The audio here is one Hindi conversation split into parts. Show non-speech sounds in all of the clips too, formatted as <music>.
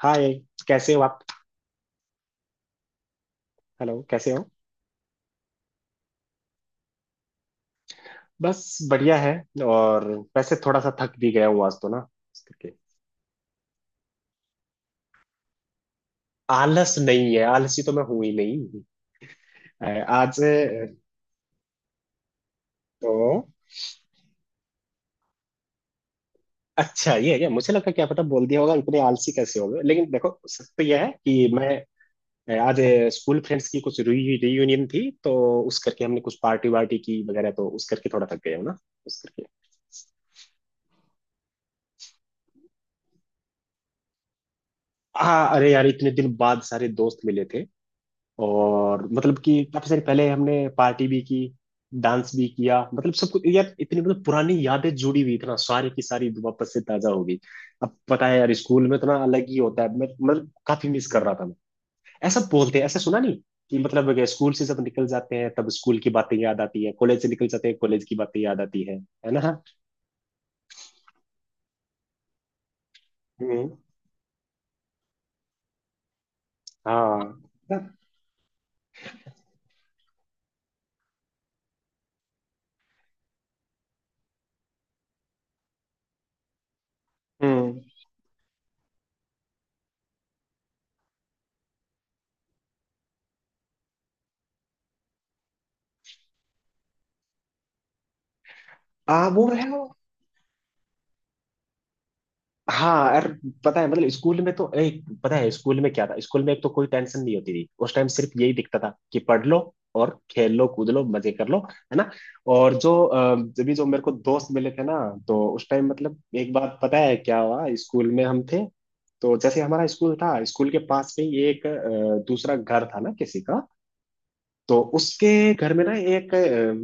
हाय। कैसे हो आप। हेलो कैसे हो। बस बढ़िया है। और वैसे थोड़ा सा थक भी गया हूँ आज तो ना। इस करके आलस नहीं है, आलसी तो मैं हूं ही नहीं। अ, आज तो अच्छा ये है क्या, मुझे लगा क्या पता बोल दिया होगा इतने आलसी कैसे हो गए। लेकिन देखो सत्य यह है कि मैं आज स्कूल फ्रेंड्स की कुछ रियूनियन थी। तो उस करके हमने कुछ पार्टी वार्टी की वगैरह, तो उस करके थोड़ा थक गया हूँ ना। उस करके हाँ अरे यार इतने दिन बाद सारे दोस्त मिले थे। और मतलब कि काफी सारी पहले हमने पार्टी भी की, डांस भी किया, मतलब सब कुछ यार इतनी मतलब पुरानी यादें जुड़ी हुई इतना सारी की सारी वापस से ताजा हो गई। अब पता है यार स्कूल में इतना अलग ही होता है, मैं मतलब काफी मिस कर रहा था मैं। ऐसा बोलते हैं, ऐसा सुना नहीं कि मतलब अगर स्कूल से जब निकल जाते हैं तब स्कूल की बातें याद आती है, कॉलेज से निकल जाते हैं कॉलेज की बातें याद आती है। है ना। हम्म। हाँ। हम्म। आ वो है। हाँ यार, पता है मतलब स्कूल में तो एक पता है स्कूल में क्या था, स्कूल में एक तो कोई टेंशन नहीं होती थी, उस टाइम सिर्फ यही दिखता था कि पढ़ लो और खेल लो कूद लो मजे कर लो है ना। और जो जब भी जो मेरे को दोस्त मिले थे ना, तो उस टाइम मतलब एक बात पता है क्या हुआ, स्कूल में हम थे तो जैसे हमारा स्कूल था, स्कूल के पास में ही एक दूसरा घर था ना किसी का। तो उसके घर में ना एक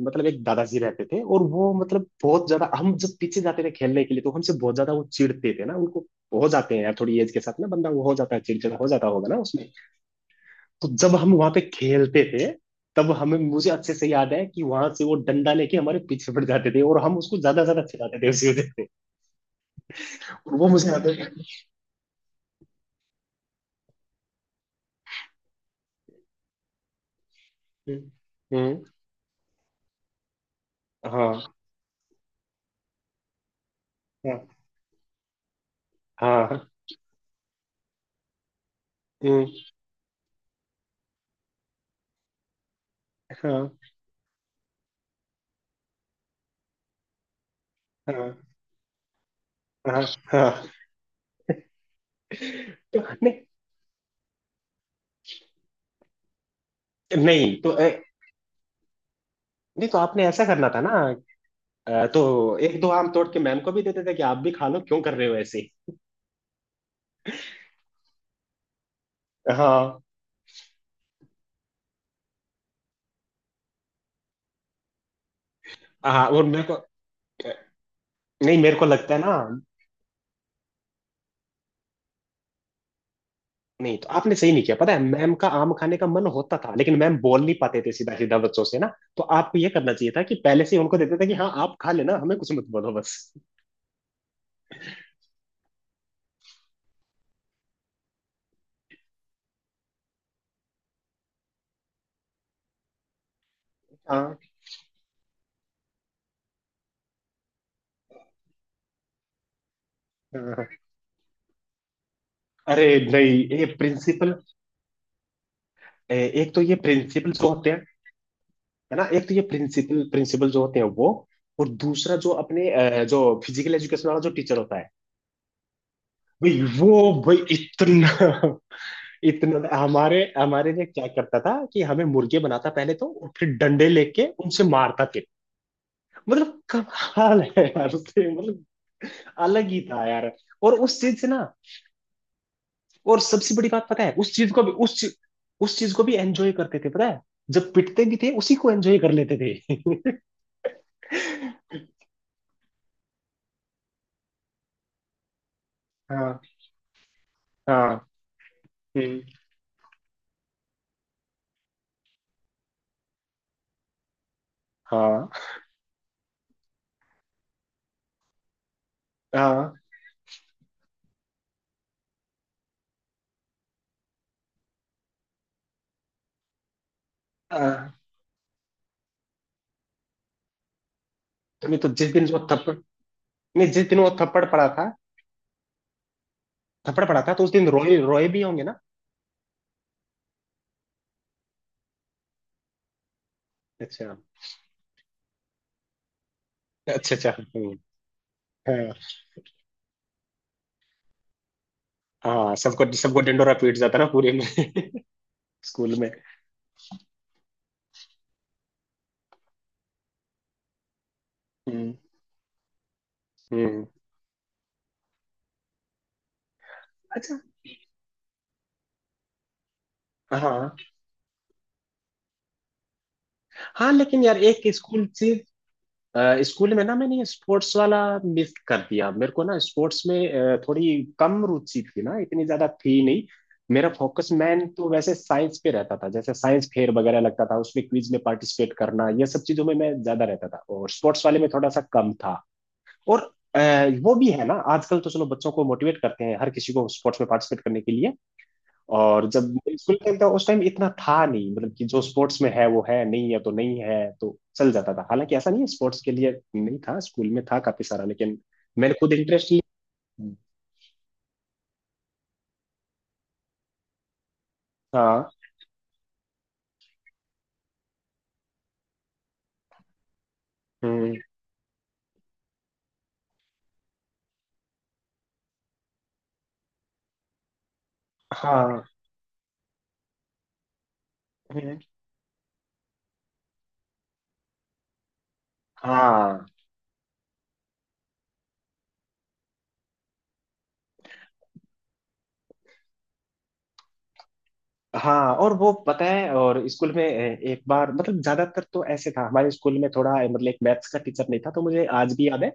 मतलब एक दादाजी रहते थे और वो मतलब बहुत ज्यादा हम जब पीछे जाते थे खेलने के लिए तो हमसे बहुत ज्यादा वो चिढ़ते थे ना उनको। हो जाते हैं यार थोड़ी एज के साथ ना, बंदा वो हो जाता है चिड़चिड़ा हो जाता होगा ना उसमें। तो जब हम वहां पे खेलते थे तब हमें मुझे अच्छे से याद है कि वहां से वो डंडा लेके हमारे पीछे पड़ जाते थे और हम उसको ज्यादा ज्यादा चिढ़ाते थे उसी वजह से। और वो मुझे याद है। हम्म, हम्म, हाँ हाँ हाँ। हम्म, हाँ। हाँ। हाँ। हाँ। तो नहीं। नहीं तो नहीं तो आपने ऐसा करना था ना। तो एक दो आम तोड़ के मैम को भी देते थे कि आप भी खा लो, क्यों कर रहे हो ऐसे। हाँ। हाँ और मेरे को नहीं मेरे को लगता है ना, नहीं तो आपने सही नहीं किया। पता है मैम का आम खाने का मन होता था लेकिन मैम बोल नहीं पाते थे सीधा सीधा बच्चों से ना। तो आपको ये करना चाहिए था कि पहले से ही उनको देते थे कि हाँ आप खा लेना, हमें कुछ मत बोलो बस। हाँ। हाँ। अरे नहीं ये प्रिंसिपल एक तो ये प्रिंसिपल जो होते हैं, है ना एक तो ये प्रिंसिपल प्रिंसिपल जो होते हैं वो। और दूसरा जो अपने जो फिजिकल एजुकेशन वाला जो टीचर होता है, भाई वो भाई इतना <laughs> इतना हमारे हमारे लिए क्या करता था कि हमें मुर्गे बनाता पहले तो और फिर डंडे लेके उनसे मारता थे। मतलब कमाल है यार उससे, मतलब अलग ही था यार। और उस चीज से ना और सबसे बड़ी बात पता है उस चीज को भी उस चीज को भी एंजॉय करते थे पता है, जब पिटते भी थे उसी को एंजॉय कर लेते थे। <laughs> हाँ। हाँ। हम्म, हाँ। हाँ। आ, नहीं तो जिस दिन वो थप्पड़ नहीं जिस दिन वो थप्पड़ पड़ा था, थप्पड़ पड़ा था तो उस दिन रोए रोए भी होंगे ना। अच्छा अच्छा। अच्छा। हाँ। हाँ सबको सबको डंडोरा पीट जाता ना पूरे में। <laughs> स्कूल में। हम्म। हम्म। अच्छा। हाँ। हाँ लेकिन यार एक स्कूल स्कूल में ना मैंने स्पोर्ट्स वाला मिस कर दिया। मेरे को ना स्पोर्ट्स में थोड़ी कम रुचि थी ना, इतनी ज्यादा थी नहीं। मेरा फोकस मैन तो वैसे साइंस पे रहता था, जैसे साइंस फेयर वगैरह लगता था उसमें, क्विज में पार्टिसिपेट करना, ये सब चीजों में मैं ज्यादा रहता था और स्पोर्ट्स वाले में थोड़ा सा कम था। और अ, वो भी है ना, आजकल तो चलो बच्चों को मोटिवेट करते हैं हर किसी को स्पोर्ट्स में पार्टिसिपेट करने के लिए। और जब स्कूल टाइम था उस टाइम इतना था नहीं, मतलब कि जो स्पोर्ट्स में है वो है, नहीं है तो नहीं है, तो चल जाता था। हालांकि ऐसा नहीं है, स्पोर्ट्स के लिए नहीं था स्कूल में, था काफी सारा, लेकिन मैंने खुद इंटरेस्ट लिया। हाँ। हम्म, हाँ। हम्म, हाँ। हाँ और वो पता है, और स्कूल में एक बार मतलब ज्यादातर तो ऐसे था हमारे स्कूल में, थोड़ा मतलब एक मैथ्स का टीचर नहीं था, तो मुझे आज भी याद है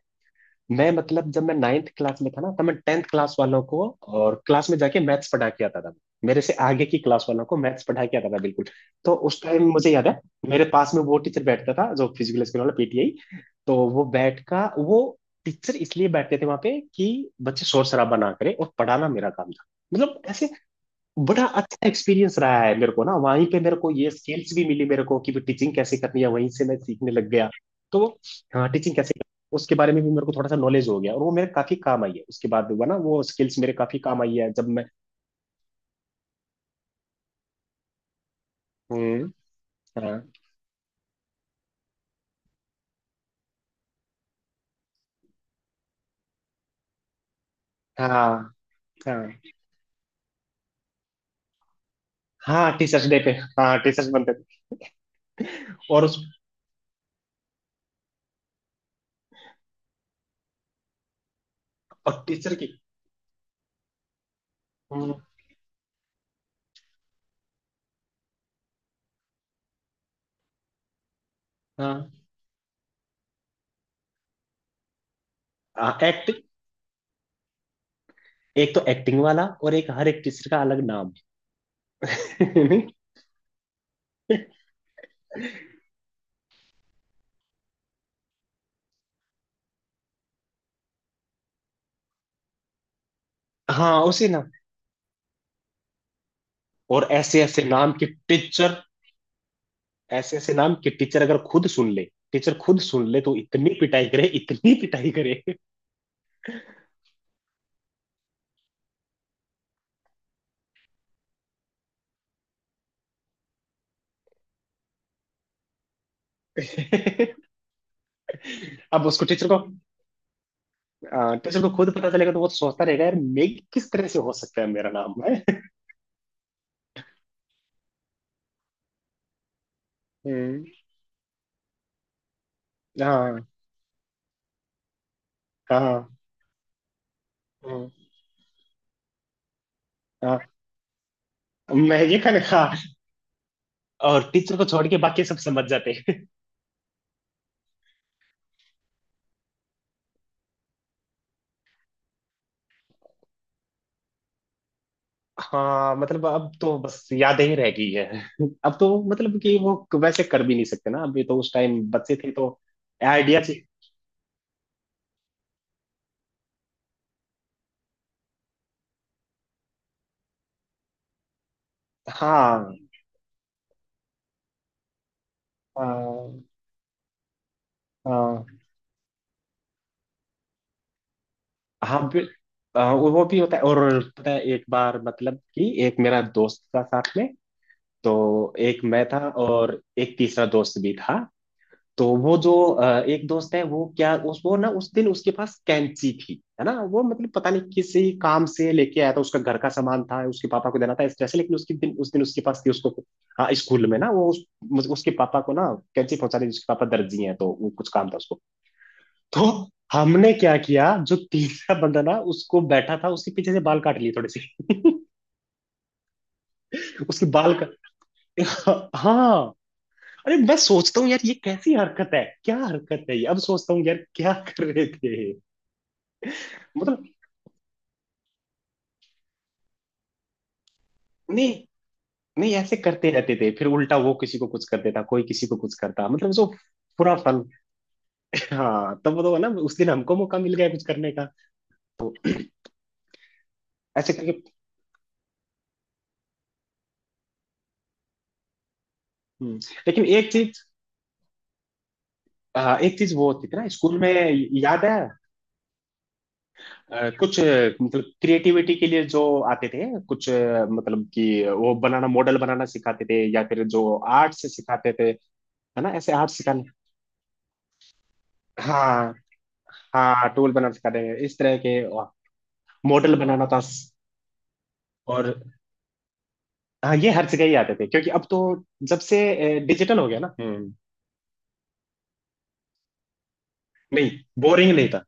मैं मतलब जब मैं नाइन्थ क्लास में था ना तब मैं टेंथ क्लास वालों को और क्लास में जाके मैथ्स पढ़ा के आता था। मेरे से आगे की क्लास वालों को मैथ्स पढ़ा के आता था बिल्कुल। तो उस टाइम मुझे याद है मेरे पास में वो टीचर बैठता था जो फिजिकल स्कूल वाला पीटीआई, तो वो बैठ का वो टीचर इसलिए बैठते थे वहां पे कि बच्चे शोर शराबा ना करें और पढ़ाना मेरा काम था। मतलब ऐसे बड़ा अच्छा एक्सपीरियंस रहा है मेरे को ना, वहीं पे मेरे को ये स्किल्स भी मिली मेरे को कि भी टीचिंग कैसे करनी है, वहीं से मैं सीखने लग गया। तो वो, हाँ टीचिंग कैसे करनी है, उसके बारे में भी मेरे को थोड़ा सा नॉलेज हो गया और वो मेरे काफी काम आई है। उसके बाद हुआ ना वो स्किल्स मेरे काफी काम आई है जब मैं। हम्म। हाँ। हाँ। हाँ। हाँ टीचर्स डे पे। हाँ टीचर्स बनते थे और उस और टीचर की। हम्म, हाँ। एक्ट एक तो एक्टिंग वाला और एक हर एक टीचर का अलग नाम। <laughs> हाँ उसी ना। और ऐसे ऐसे नाम के, ऐसे ऐसे नाम कि टीचर अगर खुद सुन ले, टीचर खुद सुन ले तो इतनी पिटाई करे इतनी पिटाई करे। <laughs> अब उसको टीचर को टीचर को खुद पता चलेगा तो वो तो सोचता रहेगा यार मैं किस तरह से हो सकता है मेरा नाम <laughs> है। हम्म, हाँ। हाँ। हम्म, हाँ मैं ये खाने हाँ, और टीचर को छोड़ के बाकी सब समझ जाते हैं। हाँ मतलब अब तो बस यादें ही रह गई है, अब तो मतलब कि वो वैसे कर भी नहीं सकते ना, अभी तो उस टाइम बच्चे थे तो आइडिया। हाँ। हाँ। हाँ बिल- वो भी होता है। और पता है एक बार मतलब कि एक मेरा दोस्त था साथ में, तो एक मैं था और एक तीसरा दोस्त भी था। तो वो जो एक दोस्त है वो क्या उस वो ना उस दिन उसके पास कैंची थी है ना, वो मतलब पता नहीं किसी काम से लेके आया था, उसका घर का सामान था उसके पापा को देना था इस तरह से, लेकिन उसके दिन उस दिन उसके पास थी उसको। हाँ स्कूल में ना वो उसके पापा को ना कैंची पहुंचा दी, उसके पापा दर्जी हैं तो वो कुछ काम था उसको। तो हमने क्या किया, जो तीसरा बंदा ना उसको बैठा था उसके पीछे से बाल काट लिए थोड़े से, उसके बाल का। <laughs> हाँ अरे मैं सोचता हूँ यार ये कैसी हरकत है, क्या हरकत है ये, अब सोचता हूँ यार क्या कर रहे थे। मतलब नहीं। नहीं ऐसे करते रहते थे, फिर उल्टा वो किसी को कुछ कर देता, कोई किसी को कुछ करता, मतलब जो पूरा फन। हाँ तब तो ना उस दिन हमको मौका मिल गया कुछ करने का। तो ऐसे करके हम्म, लेकिन एक चीज हाँ, एक चीज वो होती थी ना स्कूल में याद है कुछ मतलब क्रिएटिविटी के लिए जो आते थे कुछ मतलब कि वो बनाना मॉडल बनाना सिखाते थे या फिर जो आर्ट से सिखाते थे, है ना ऐसे आर्ट सिखाने। हाँ हाँ टूल बनाना सिखाते थे इस तरह के मॉडल बनाना था। और हाँ ये हर जगह ही आते थे क्योंकि अब तो जब से डिजिटल हो गया ना। हम्म। नहीं बोरिंग नहीं था।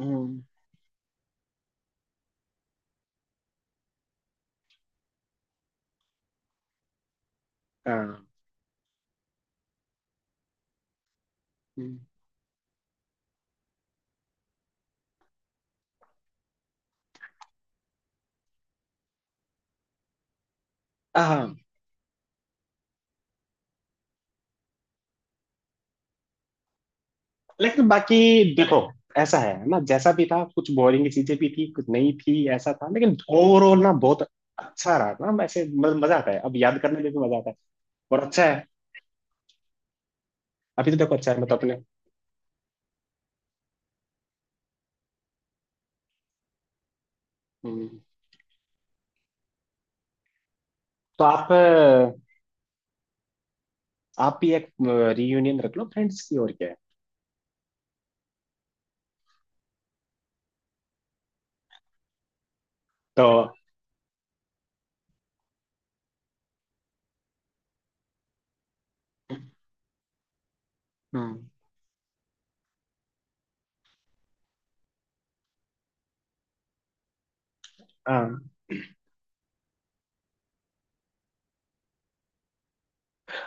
हम्म। हाँ। हम्म, हाँ लेकिन बाकी देखो ऐसा है ना जैसा भी था, कुछ बोरिंग चीजें भी थी कुछ नहीं थी ऐसा था, लेकिन ओवरऑल ना बहुत अच्छा रहा ना वैसे मजा आता है, अब याद करने में भी मजा आता है। और अच्छा है, अभी तो देखो अच्छा है मैं तो अपने। हम्म, तो आप आप भी एक रियूनियन रख लो फ्रेंड्स की और क्या है। तो हम्म। हाँ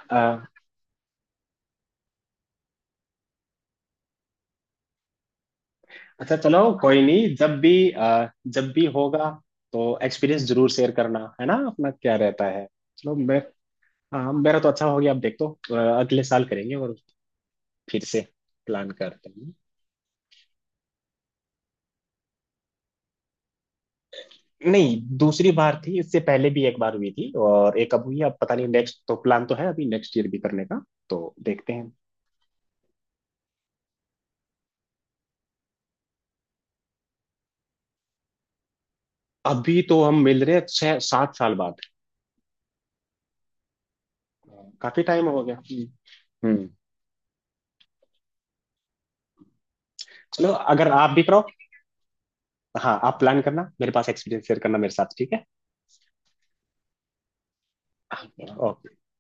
अ, अच्छा चलो कोई नहीं, जब भी जब भी होगा तो एक्सपीरियंस जरूर शेयर करना है ना अपना क्या रहता है। चलो मैं हाँ हाँ, मेरा तो अच्छा हो गया अब देख। तो अगले साल करेंगे और फिर से प्लान करते हैं। नहीं दूसरी बार थी, इससे पहले भी एक बार हुई थी और एक अब हुई है, अब पता नहीं नेक्स्ट, तो प्लान तो है अभी नेक्स्ट ईयर भी करने का, तो देखते हैं। अभी तो हम मिल रहे हैं 6 7 साल बाद। काफी टाइम हो गया। हम्म। हम्म। चलो अगर आप भी करो, हाँ आप प्लान करना मेरे पास एक्सपीरियंस शेयर करना मेरे साथ ठीक है।